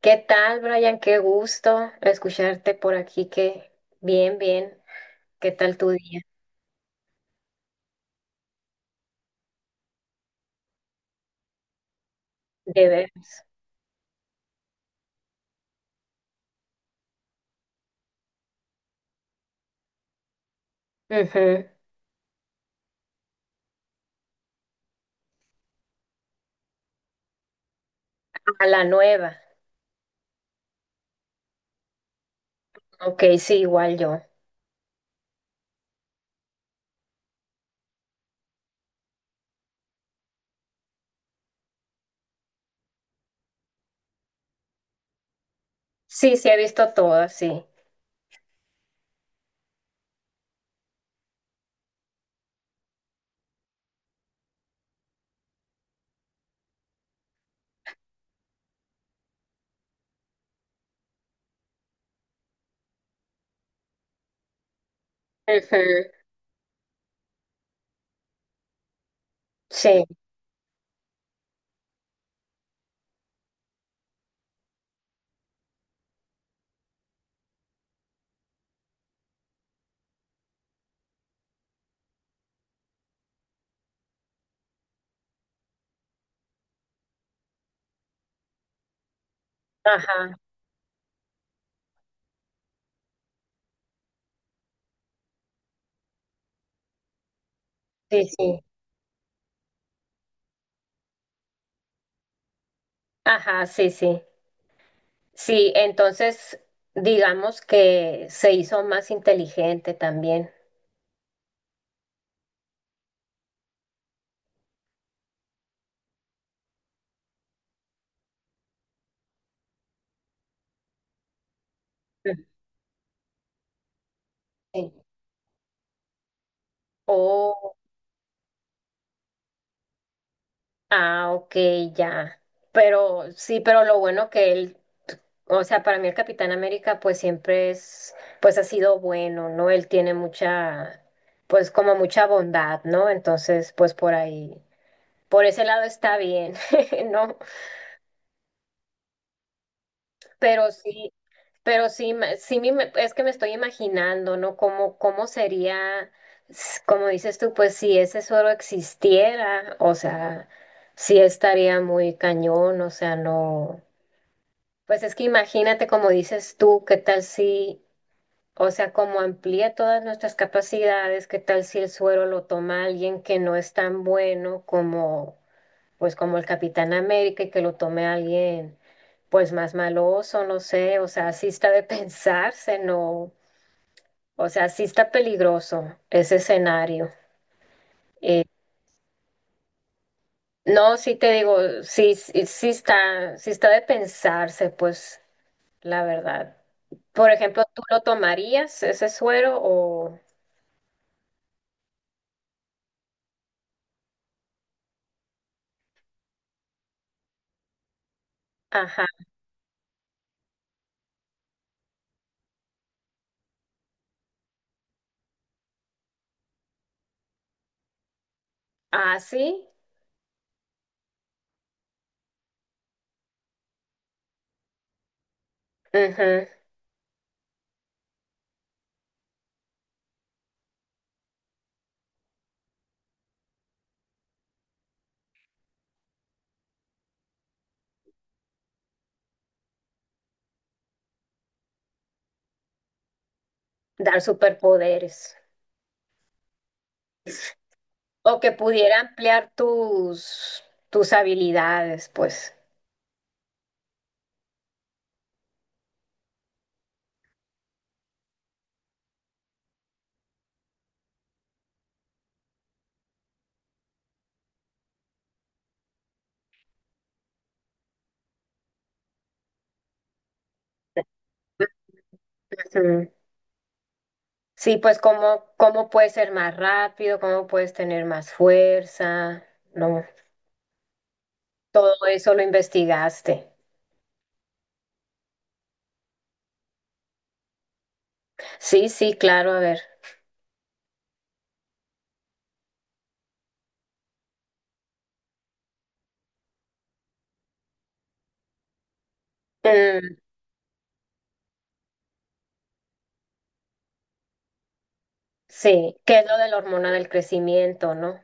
¿Qué tal, Brian? Qué gusto escucharte por aquí. Que bien, bien. ¿Qué tal tu día? De veras. Ujú. A la nueva. Ok, sí, igual yo. Sí, sí, he visto todas, sí. Ujú. Sí, ajá, sí, sí. Ajá, sí, sí. Sí, entonces digamos que se hizo más inteligente también. Ujú. Sí. Oh, ah, ok, ya. Pero sí, pero lo bueno que él. O sea, para mí el Capitán América pues siempre es, pues ha sido bueno, ¿no? Él tiene mucha, pues como mucha bondad, ¿no? Entonces, pues por ahí, por ese lado está bien, ¿no? Pero sí, pero sí, es que me estoy imaginando, ¿no? Cómo sería, como dices tú, pues si ese suero existiera, o sea, sí estaría muy cañón, o sea, no. Pues es que imagínate, como dices tú, qué tal si o sea, como amplía todas nuestras capacidades, ¿qué tal si el suero lo toma alguien que no es tan bueno como, pues, como el Capitán América y que lo tome alguien, pues, más maloso, no sé, o sea, sí está de pensarse, no, o sea, sí está peligroso ese escenario. Eh, no, sí te digo, sí, sí, sí está de pensarse, pues, la verdad. Por ejemplo, ¿tú lo tomarías ese suero o, ajá, así? Dar superpoderes o que pudiera ampliar tus habilidades, pues. Ujú. Sí, pues cómo puedes ser más rápido, cómo puedes tener más fuerza, ¿no? Todo eso lo investigaste. Sí, sí, claro, a ver. Mm, sí, ¿qué es lo de la hormona del crecimiento, no?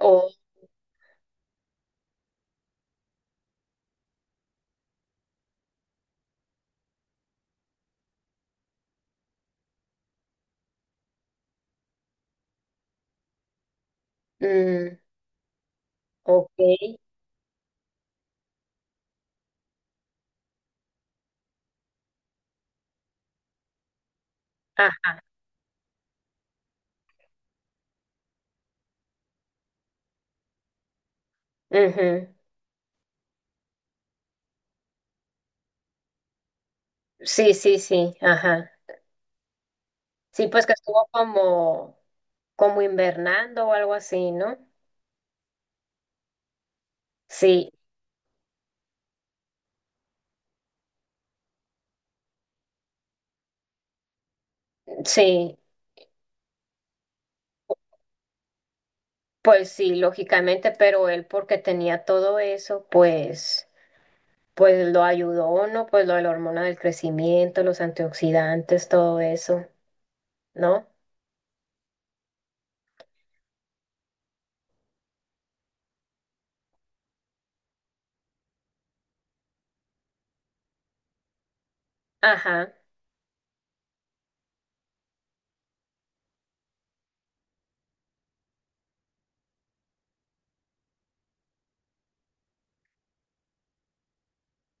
O, mm, ok, ah, ujú. Sí, sí, sí, ajá. Sí, pues que estuvo como, invernando o algo así, ¿no? Sí, sí, pues sí, lógicamente, pero él porque tenía todo eso, pues lo ayudó, ¿no? Pues lo de la hormona del crecimiento, los antioxidantes, todo eso, ¿no? Ajá.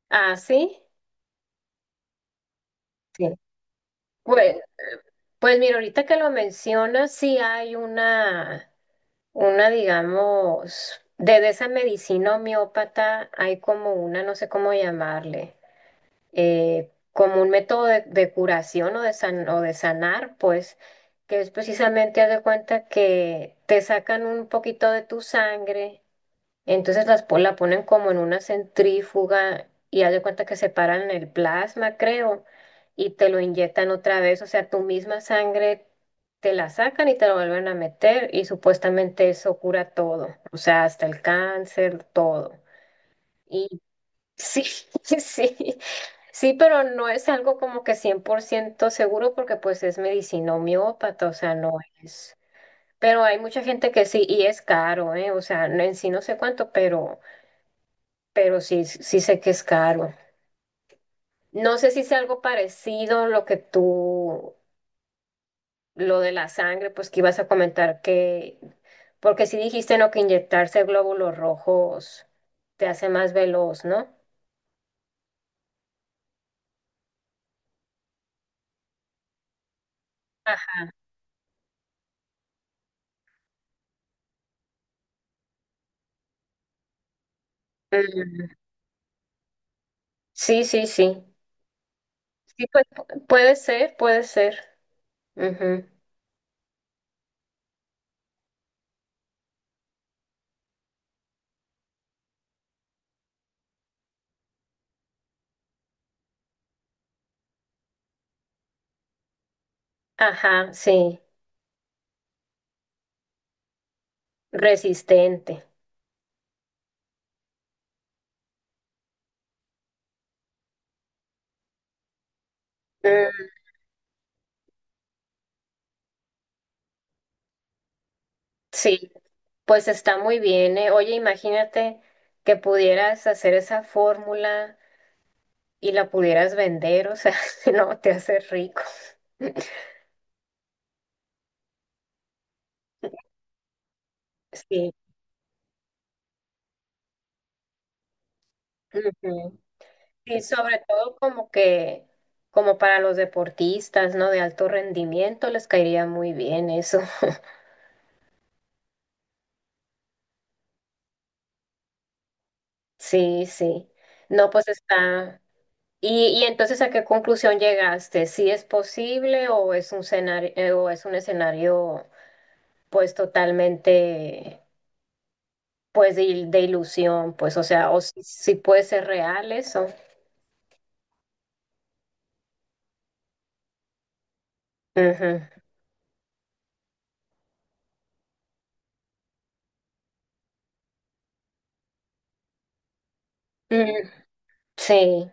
Ah, sí. Sí. Pues, pues mira, ahorita que lo mencionas, sí hay una, digamos, de esa medicina homeópata hay como una, no sé cómo llamarle. Como un método de curación o de, o de sanar, pues, que es precisamente, haz de cuenta que te sacan un poquito de tu sangre, entonces la ponen como en una centrífuga y haz de cuenta que separan el plasma, creo, y te lo inyectan otra vez, o sea, tu misma sangre te la sacan y te la vuelven a meter y supuestamente eso cura todo, o sea, hasta el cáncer, todo. Sí, sí, sí, pero no es algo como que 100% seguro porque pues es medicina homeópata, o sea, no es. Pero hay mucha gente que sí, y es caro, ¿eh? O sea, en sí no sé cuánto, pero sí, sí sé que es caro. No sé si es algo parecido lo de la sangre, pues que ibas a comentar que, porque sí dijiste, ¿no? Que inyectarse glóbulos rojos te hace más veloz, ¿no? Ajá. Mm, sí, sí, sí. Sí, pues puede ser, puede ser. Ujú. Ajá, sí, resistente. Mm, sí, pues está muy bien, ¿eh? Oye, imagínate que pudieras hacer esa fórmula y la pudieras vender, o sea, no, te haces rico. Sí. Ujú. Sí, sobre todo como que, como para los deportistas, ¿no? De alto rendimiento les caería muy bien eso. Sí, sí. No, pues está. Y entonces, ¿a qué conclusión llegaste? ¿Si es posible o es un escenario, pues totalmente pues de, de ilusión, pues, o sea, o si puede ser real eso? Ujú. Mm, sí,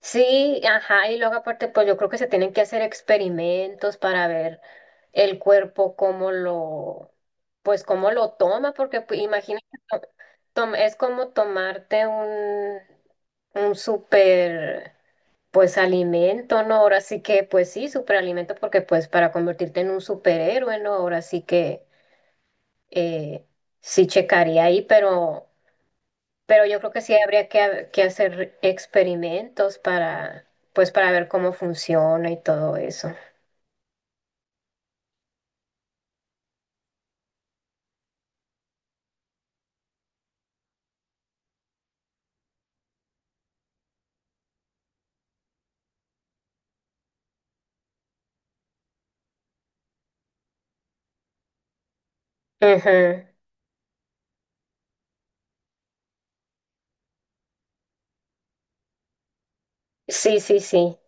sí, ajá, y luego aparte, pues yo creo que se tienen que hacer experimentos para ver el cuerpo cómo lo, pues cómo lo toma, porque pues, imagínate, es como tomarte un súper Pues alimento, ¿no? Ahora sí que, pues sí, superalimento, porque pues para convertirte en un superhéroe, ¿no? Ahora sí que eh, sí checaría ahí, pero, yo creo que sí habría que, que hacer experimentos para ver cómo funciona y todo eso. Ujú. Sí, sí, sí.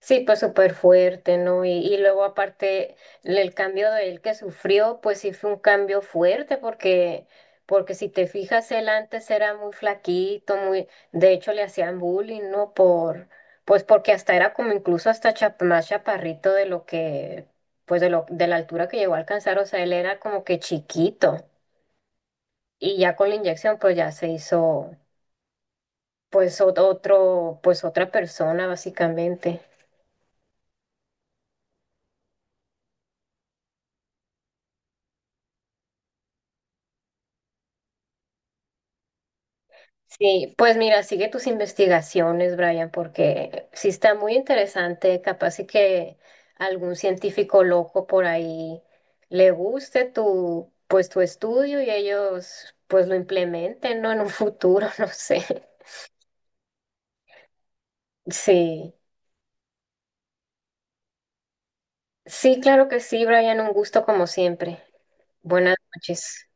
Sí, pues súper fuerte, ¿no? Y luego aparte el cambio de él que sufrió, pues sí fue un cambio fuerte porque si te fijas, él antes era muy flaquito, muy, de hecho le hacían bullying, ¿no? Pues porque hasta era como incluso hasta más chaparrito de lo que, pues de lo, de la altura que llegó a alcanzar, o sea, él era como que chiquito y ya con la inyección pues ya se hizo pues otra persona básicamente. Sí, pues mira, sigue tus investigaciones, Brian, porque sí está muy interesante, capaz y que algún científico loco por ahí le guste tu estudio y ellos pues lo implementen, ¿no? En un futuro, no sé. Sí, sí, claro que sí, Brian, un gusto como siempre. Buenas noches.